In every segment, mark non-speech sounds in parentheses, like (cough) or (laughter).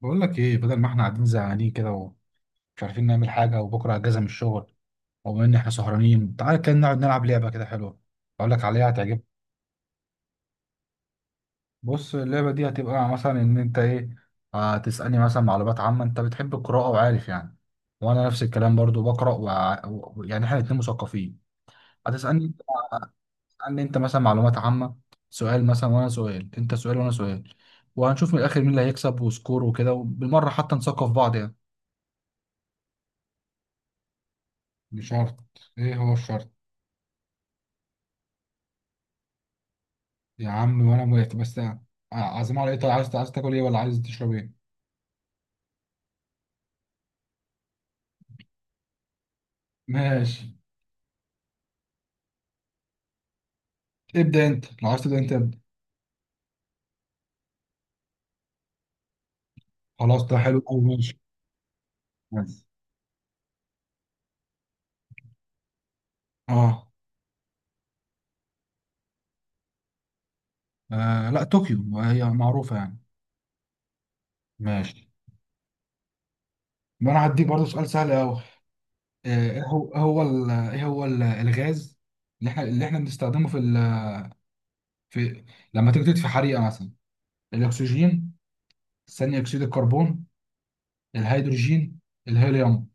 بقول لك ايه بدل ما احنا قاعدين زهقانين كده ومش عارفين نعمل حاجه وبكره اجازه من الشغل وبما ان احنا سهرانين تعالى كده نقعد نلعب لعبه كده حلوه اقول لك عليها هتعجبك. بص اللعبه دي هتبقى مثلا ان انت ايه هتسالني مثلا معلومات عامه، انت بتحب القراءه وعارف يعني وانا نفس الكلام برضو بقرا يعني احنا الاتنين مثقفين. هتسالني، هتسالني انت مثلا معلومات عامه، سؤال مثلا وانا سؤال، انت سؤال وانا سؤال، وهنشوف من الاخر مين اللي هيكسب وسكور وكده وبالمره حتى نثقف بعض يعني. مش شرط، ايه هو الشرط؟ يا عم وانا موافق بس عازم على ايه؟ طيب عايز عايز تاكل ايه ولا عايز تشرب ايه؟ ماشي. ابدا انت، لو عايز تبدا انت ابدا. خلاص ده حلو قوي، ماشي. ماشي. اه. آه، لا طوكيو هي معروفه يعني. ماشي. ما انا هديك برضه سؤال سهل قوي. ايه هو إيه هو ال- ايه هو ال- الغاز اللي احنا بنستخدمه في في لما تيجي تطفي حريقه مثلا؟ الاكسجين، ثاني اكسيد الكربون، الهيدروجين، الهيليوم؟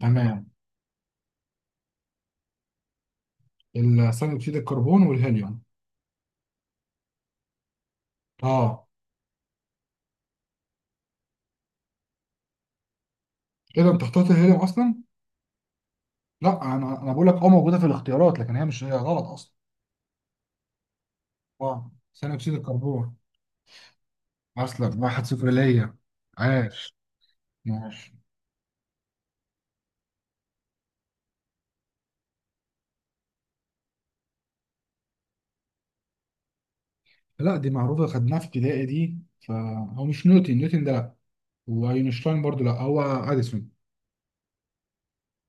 تمام. ثاني اكسيد الكربون والهيليوم. اه. ايه ده انت اخترت الهيليوم اصلا؟ لا انا بقول لك اه، موجوده في الاختيارات لكن هي مش، هي غلط اصلا. واو، ثاني اكسيد الكربون. اصلا واحد صفر ليا، عاش. ماشي. لا دي معروفه، خدناها في ابتدائي دي، فهو مش نيوتن، نيوتن ده لا، واينشتاين برضو لا، هو اديسون.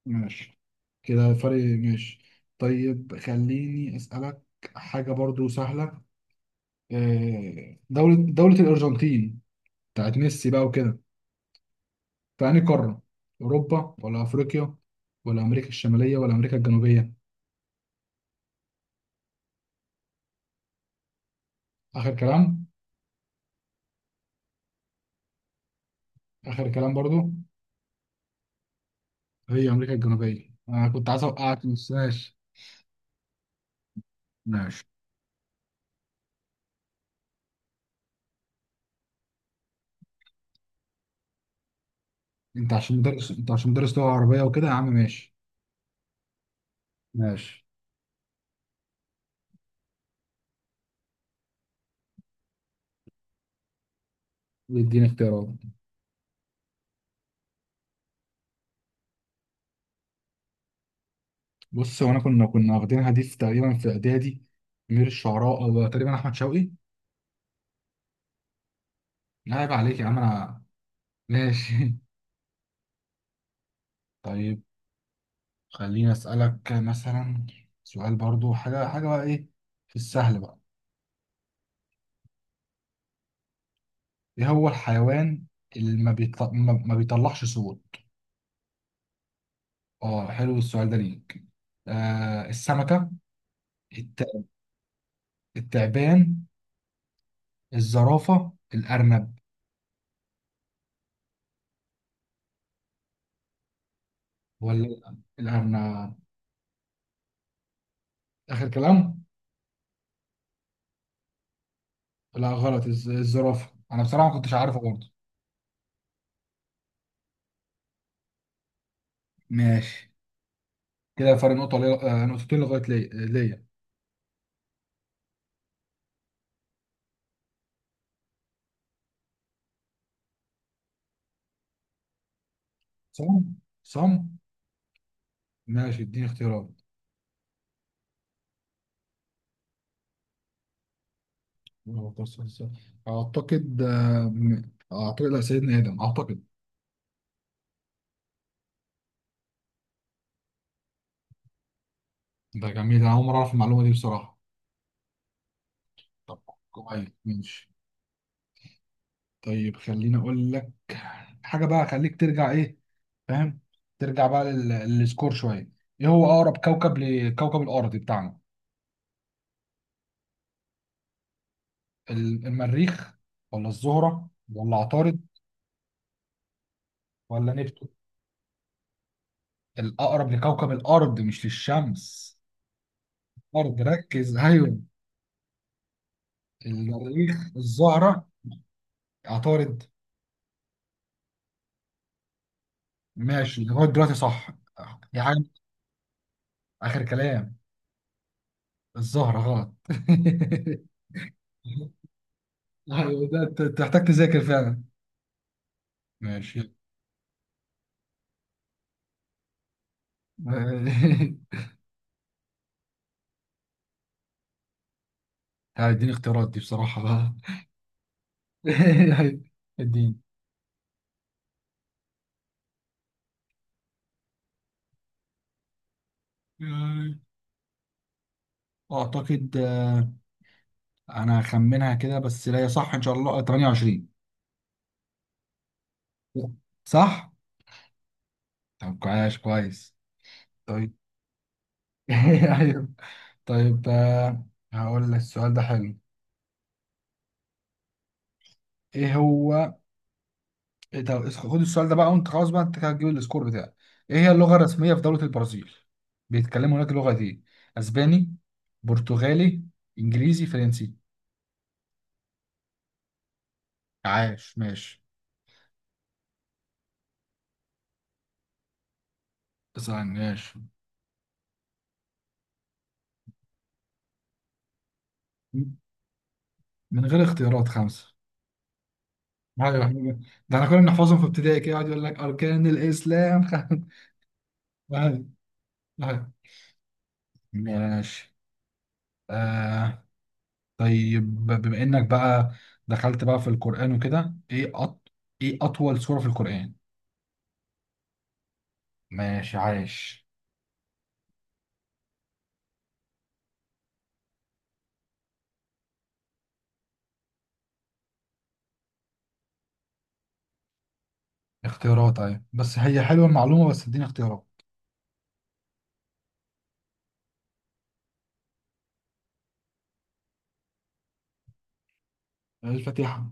ماشي. كده فرق، ماشي. طيب خليني اسالك حاجه برضو سهله. آه، دولة الأرجنتين بتاعت ميسي بقى وكده، في أنهي قارة؟ أوروبا ولا أفريقيا ولا أمريكا الشمالية ولا أمريكا الجنوبية؟ آخر كلام؟ آخر كلام برضو. هي أمريكا الجنوبية، أنا كنت عايز أوقعك بس، ماشي. ماشي. أنت عشان مدرس، أنت عشان مدرس لغة عربية وكده يا عم، ماشي. ماشي، ويديني اختيارات. بص هو أنا كنا واخدينها دي في تقريبا في إعدادي، أمير الشعراء، أو تقريبا أحمد شوقي. لا عيب عليك يا عم أنا. ماشي. (laughs) طيب خليني أسألك مثلا سؤال برضو حاجة، حاجة بقى إيه، في السهل بقى. ايه هو الحيوان اللي ما بيطلعش صوت؟ اه حلو السؤال ده ليك. آه، السمكة، الت... التعبان، الزرافة، الأرنب؟ ولا الأرنب؟ آخر كلام. لا غلط، الزرافة، أنا بصراحة ما كنتش عارفه برضه. ماشي. كده فرق نقطة لي... آه، نقطتين لغاية، ليا ليا. صم صم. ماشي اديني اختيارات. أعتقد أعتقد لا، سيدنا آدم أعتقد. ده جميل، أنا أول مرة أعرف المعلومة دي بصراحة. طب كويس، ماشي. طيب خليني اقول لك حاجه بقى، خليك ترجع ايه، فاهم، ترجع بقى للسكور شويه. ايه هو اقرب كوكب لكوكب الارض بتاعنا؟ المريخ ولا الزهره ولا عطارد ولا نبتون؟ الاقرب لكوكب الارض مش للشمس. الارض، ركز، ايوه. المريخ، الزهره. عطارد. ماشي لغايه دلوقتي صح. يا عم. اخر كلام. الزهره غلط. (laughs) ايوه ده تحتاج تذاكر فعلا. ماشي. (laughs) هيديني اختيارات دي بصراحة بقى. (laughs) الدين. يعني أعتقد، آه، أنا هخمنها كده بس، لا هي صح إن شاء الله 28. صح؟ طب كويس كويس. طيب. (laughs) ايوه. طيب، آه، هقول لك السؤال ده حلو. إيه هو، إيه، طب خد السؤال ده بقى وأنت خلاص بقى، أنت كده هتجيب السكور بتاعك. إيه هي اللغة الرسمية في دولة البرازيل؟ بيتكلموا هناك لغة دي، أسباني، برتغالي، إنجليزي، فرنسي؟ عاش، ماشي. تسعة عن ماشي. من غير اختيارات، خمسة. أيوة إحنا- ده احنا كنا بنحفظهم في ابتدائي كده، يقعد يقول لك أركان الإسلام. (laughs) أيوة، أيوة. ماشي. آه. طيب بما إنك بقى دخلت بقى في القرآن وكده، إيه إيه أطول سورة في القرآن؟ ماشي عايش. اختيارات أيوة، بس هي حلوة المعلومة، بس اديني اختيارات. الفاتحة.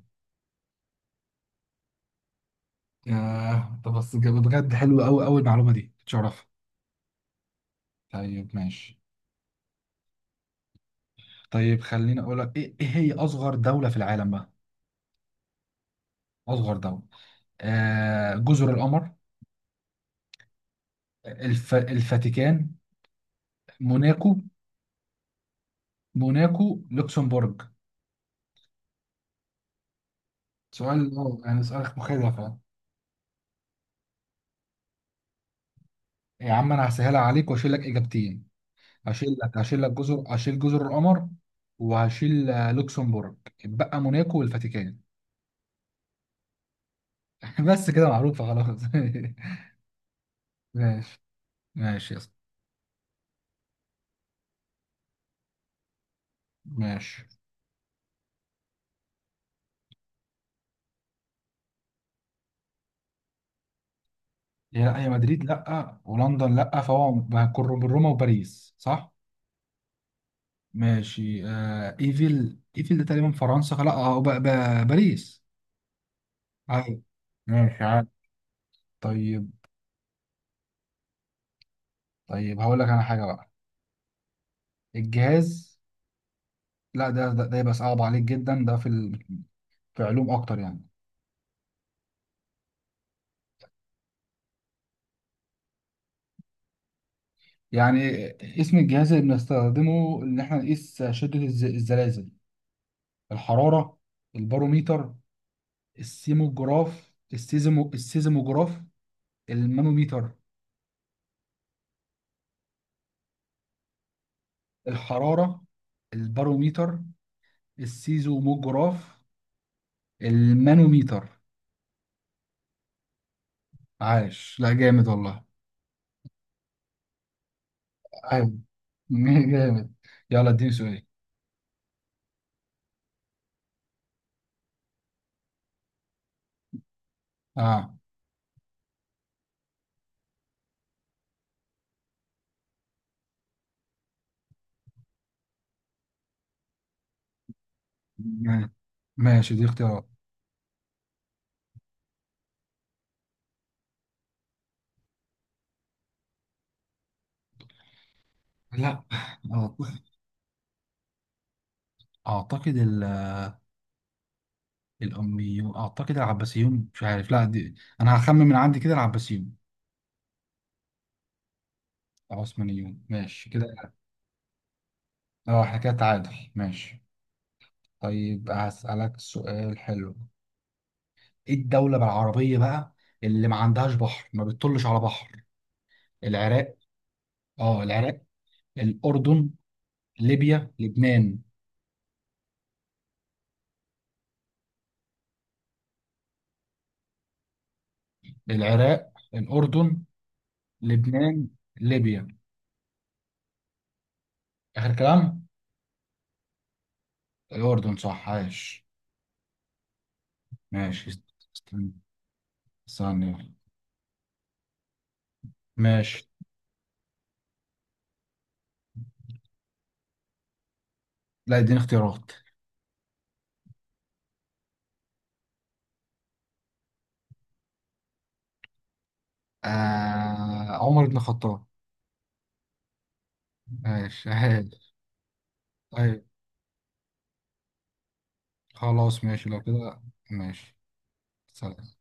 آه، طب بس بجد حلوة أوي أوي المعلومة دي، تشرف. طيب، ماشي. طيب خليني اقول لك ايه، إيه هي اصغر دولة في العالم بقى؟ اصغر دولة. آه، جزر القمر، الفاتيكان، موناكو. موناكو، لوكسمبورج. سؤال، اه يعني، سؤال مخيف يعني. يا عم انا هسهلها عليك واشيل لك اجابتين. هشيل جزر القمر، وهشيل آه، لوكسمبورج، اتبقى موناكو والفاتيكان. (laughs) بس كده معروفة، خلاص. (laughs) ماشي. ماشي يا اسطى. ماشي. هي لا، هي مدريد لا ولندن لا، فهو هيكون روما وباريس صح. ماشي. آه ايفل، ايفل ده تقريبا فرنسا، لا اه باريس. عارف، ماشي، عارف. طيب. طيب هقول لك انا حاجه بقى. الجهاز. لا ده يبقى صعب عليك جدا، ده في في علوم اكتر يعني. يعني اسم الجهاز اللي بنستخدمه ان احنا نقيس شده الزلازل؟ الحراره، الباروميتر، السيموجراف، السيزمو، السيزموجراف، المانوميتر. الحراره، الباروميتر، السيزوموجراف، المانوميتر. عايش، لا جامد والله. ايوه. (laughs) جامد. يلا اديني سؤال. اه. ما- ماشي دي اختيارات. لا اعتقد، أعتقد الاميون اعتقد، العباسيون مش عارف لا دي، انا هخمن من عندي كده العباسيون. العثمانيون، ماشي كده. اه احنا كده تعادل، ماشي. طيب هسألك سؤال حلو. ايه الدولة بالعربية بقى اللي ما عندهاش بحر، ما بتطلش على بحر؟ العراق. اه العراق، الأردن، ليبيا، لبنان. العراق، الأردن، لبنان، ليبيا. آخر كلام. الأردن صح، عايش. ماشي. استنى ثانية. ماشي. لا اديني اختيارات. آه، عمر بن الخطاب. ماشي عايش. أيوة، خلاص ماشي لو كده. ماشي، سلام.